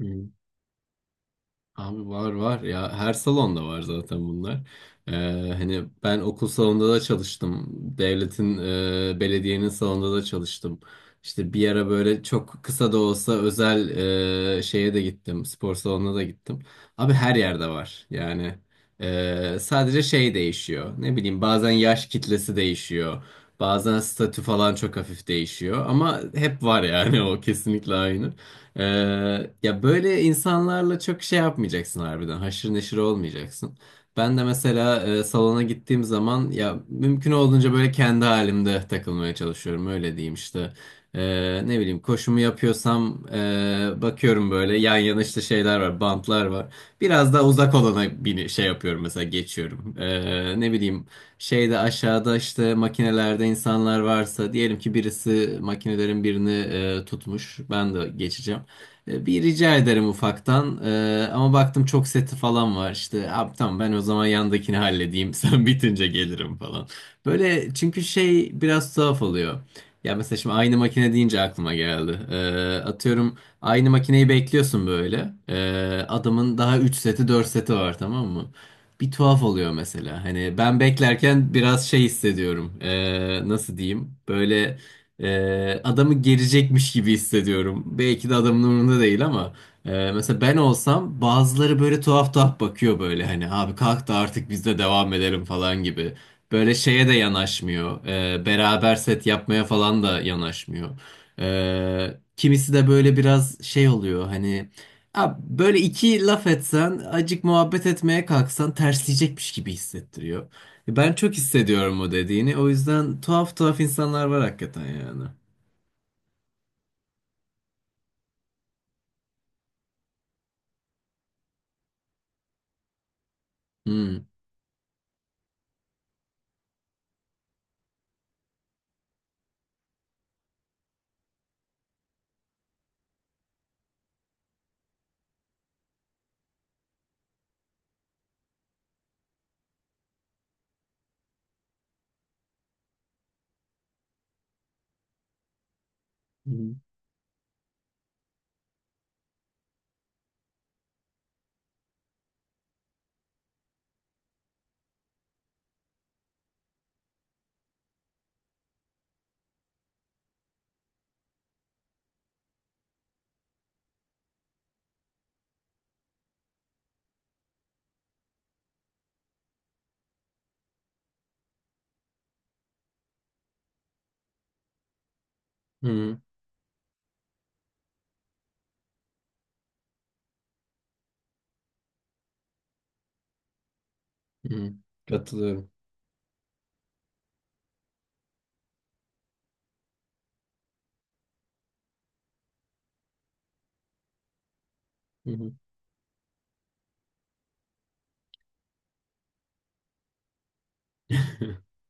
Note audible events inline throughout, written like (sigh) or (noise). Hı. Abi var var ya her salonda var zaten bunlar. Ee, hani ben okul salonunda da çalıştım. Devletin, belediyenin salonunda da çalıştım. İşte bir ara böyle çok kısa da olsa özel şeye de gittim. Spor salonuna da gittim. Abi her yerde var. Yani sadece şey değişiyor. Ne bileyim bazen yaş kitlesi değişiyor. Bazen statü falan çok hafif değişiyor. Ama hep var yani (laughs) o kesinlikle aynı. Ee, ya böyle insanlarla çok şey yapmayacaksın harbiden. Haşır neşir olmayacaksın. Ben de mesela salona gittiğim zaman ya mümkün olduğunca böyle kendi halimde takılmaya çalışıyorum. Öyle diyeyim işte. Ne bileyim koşumu yapıyorsam bakıyorum böyle yan yana işte şeyler var, bantlar var. Biraz daha uzak olana bini şey yapıyorum mesela geçiyorum. Ne bileyim şeyde aşağıda işte makinelerde insanlar varsa diyelim ki birisi makinelerin birini tutmuş. Ben de geçeceğim. Bir rica ederim ufaktan. Ama baktım çok seti falan var. İşte abi tamam ben o zaman yandakini halledeyim. (laughs) Sen bitince gelirim falan. Böyle çünkü şey biraz tuhaf oluyor. Ya mesela şimdi aynı makine deyince aklıma geldi. Atıyorum aynı makineyi bekliyorsun böyle. Adamın daha 3 seti 4 seti var tamam mı? Bir tuhaf oluyor mesela. Hani ben beklerken biraz şey hissediyorum. Nasıl diyeyim? Böyle adamı gerecekmiş gibi hissediyorum. Belki de adamın umurunda değil ama mesela ben olsam bazıları böyle tuhaf tuhaf bakıyor böyle hani abi kalk da artık biz de devam edelim falan gibi. Böyle şeye de yanaşmıyor. Beraber set yapmaya falan da yanaşmıyor. Kimisi de böyle biraz şey oluyor hani abi böyle iki laf etsen acık muhabbet etmeye kalksan tersleyecekmiş gibi hissettiriyor. Ben çok hissediyorum o dediğini. O yüzden tuhaf tuhaf insanlar var hakikaten yani. Hmm. Hmm. Hmm. Hmm. Katılıyorum. Hı hı. (laughs)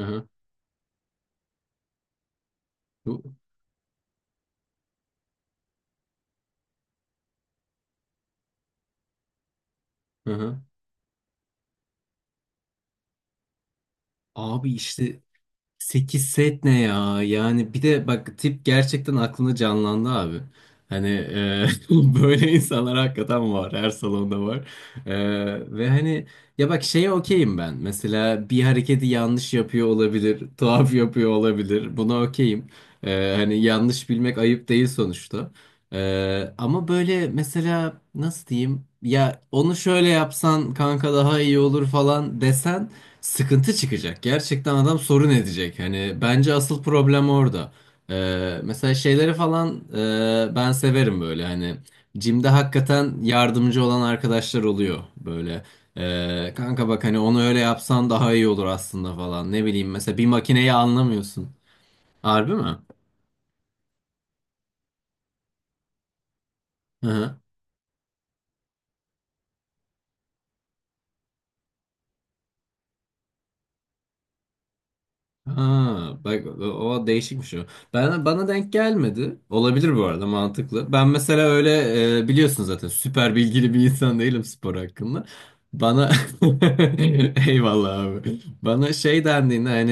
Aha. Bu- aha. Abi işte 8 set ne ya? Yani bir de bak tip gerçekten aklına canlandı abi. Hani (laughs) böyle insanlar hakikaten var. Her salonda var. E, ve hani ya bak şeye okeyim ben. Mesela bir hareketi yanlış yapıyor olabilir. Tuhaf yapıyor olabilir. Buna okeyim. Hani yanlış bilmek ayıp değil sonuçta. Ama böyle mesela nasıl diyeyim? Ya onu şöyle yapsan kanka daha iyi olur falan desen sıkıntı çıkacak. Gerçekten adam sorun edecek. Hani bence asıl problem orada. Mesela şeyleri falan ben severim böyle hani Jim'de hakikaten yardımcı olan arkadaşlar oluyor böyle. Kanka bak hani onu öyle yapsan daha iyi olur aslında falan. Ne bileyim mesela bir makineyi anlamıyorsun. Harbi mi? Hı hı. Ha, bak o değişikmiş o. Ben, bana denk gelmedi. Olabilir bu arada mantıklı. Ben mesela öyle biliyorsun zaten süper bilgili bir insan değilim spor hakkında. Bana (laughs) eyvallah abi. Bana şey dendiğinde hani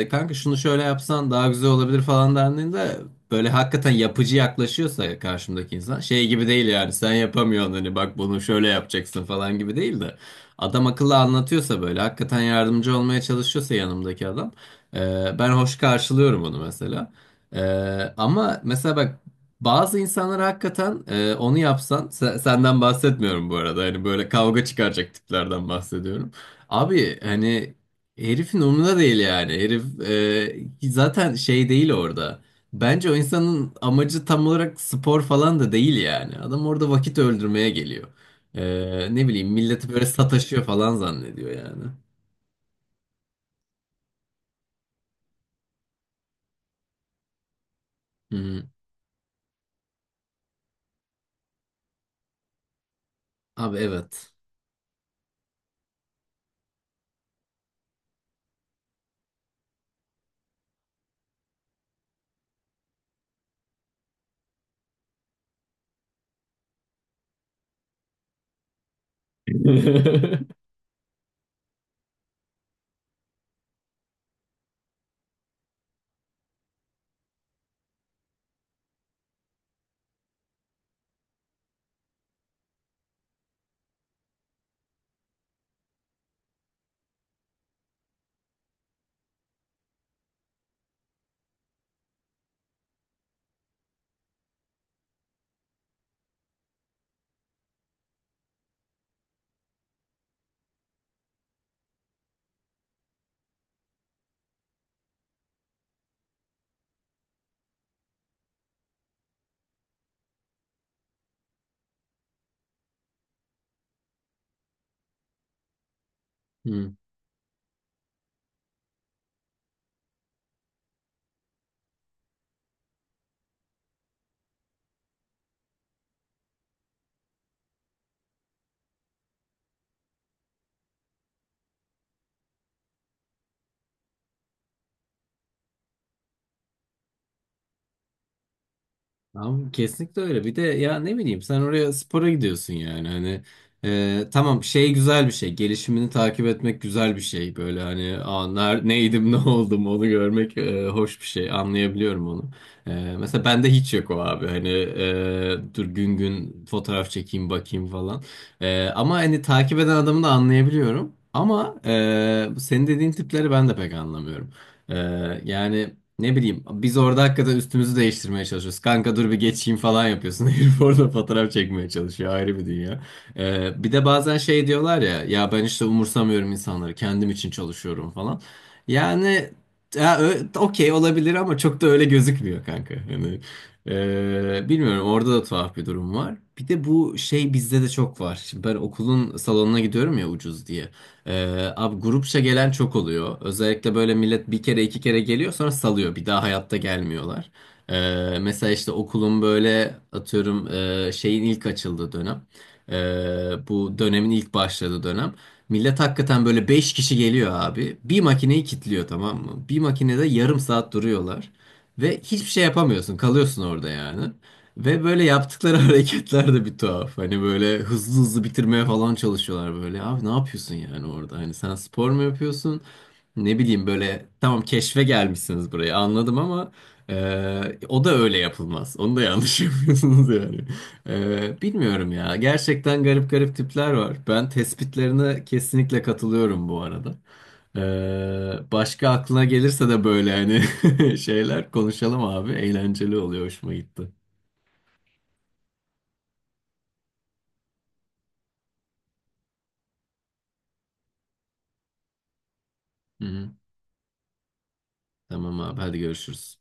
kanka şunu şöyle yapsan daha güzel olabilir falan dendiğinde böyle hakikaten yapıcı yaklaşıyorsa karşımdaki insan şey gibi değil yani sen yapamıyorsun hani bak bunu şöyle yapacaksın falan gibi değil de adam akıllı anlatıyorsa böyle hakikaten yardımcı olmaya çalışıyorsa yanımdaki adam ben hoş karşılıyorum onu mesela. Ama mesela bak bazı insanlar hakikaten onu yapsan senden bahsetmiyorum bu arada. Hani böyle kavga çıkaracak tiplerden bahsediyorum. Abi hani herifin umurunda değil yani. Herif zaten şey değil orada. Bence o insanın amacı tam olarak spor falan da değil yani. Adam orada vakit öldürmeye geliyor. Ne bileyim milleti böyle sataşıyor falan zannediyor yani. Hı hı. Abi evet. (laughs) Hı. Tamam, kesinlikle öyle. Bir de ya ne bileyim sen oraya spora gidiyorsun yani hani tamam şey güzel bir şey gelişimini takip etmek güzel bir şey böyle hani neydim (laughs) ne oldum onu görmek hoş bir şey anlayabiliyorum onu. Mesela bende hiç yok o abi hani dur gün gün fotoğraf çekeyim bakayım falan. Ama hani takip eden adamı da anlayabiliyorum ama bu senin dediğin tipleri ben de pek anlamıyorum. E, yani. Ne bileyim biz orada hakikaten üstümüzü değiştirmeye çalışıyoruz. Kanka dur bir geçeyim falan yapıyorsun. (laughs) Herif orada fotoğraf çekmeye çalışıyor. Ayrı bir dünya. Bir de bazen şey diyorlar ya ya ben işte umursamıyorum insanları kendim için çalışıyorum falan. Yani ya, okey olabilir ama çok da öyle gözükmüyor kanka. Yani, bilmiyorum orada da tuhaf bir durum var. Bir de bu şey bizde de çok var. Şimdi ben okulun salonuna gidiyorum ya ucuz diye. Abi grupça gelen çok oluyor. Özellikle böyle millet bir kere iki kere geliyor sonra salıyor. Bir daha hayatta gelmiyorlar. Mesela işte okulun böyle atıyorum şeyin ilk açıldığı dönem. Bu dönemin ilk başladığı dönem. Millet hakikaten böyle 5 kişi geliyor abi. Bir makineyi kilitliyor tamam mı? Bir makinede yarım saat duruyorlar. Ve hiçbir şey yapamıyorsun. Kalıyorsun orada yani. Ve böyle yaptıkları (laughs) hareketler de bir tuhaf. Hani böyle hızlı hızlı bitirmeye falan çalışıyorlar böyle. Abi ne yapıyorsun yani orada? Hani sen spor mu yapıyorsun? Ne bileyim böyle tamam keşfe gelmişsiniz buraya anladım ama o da öyle yapılmaz. Onu da yanlış (laughs) yapıyorsunuz yani. Bilmiyorum ya. Gerçekten garip garip tipler var. Ben tespitlerine kesinlikle katılıyorum bu arada. Başka aklına gelirse de böyle hani (laughs) şeyler konuşalım abi. Eğlenceli oluyor. Hoşuma gitti. Hı hı. Tamam abi hadi görüşürüz.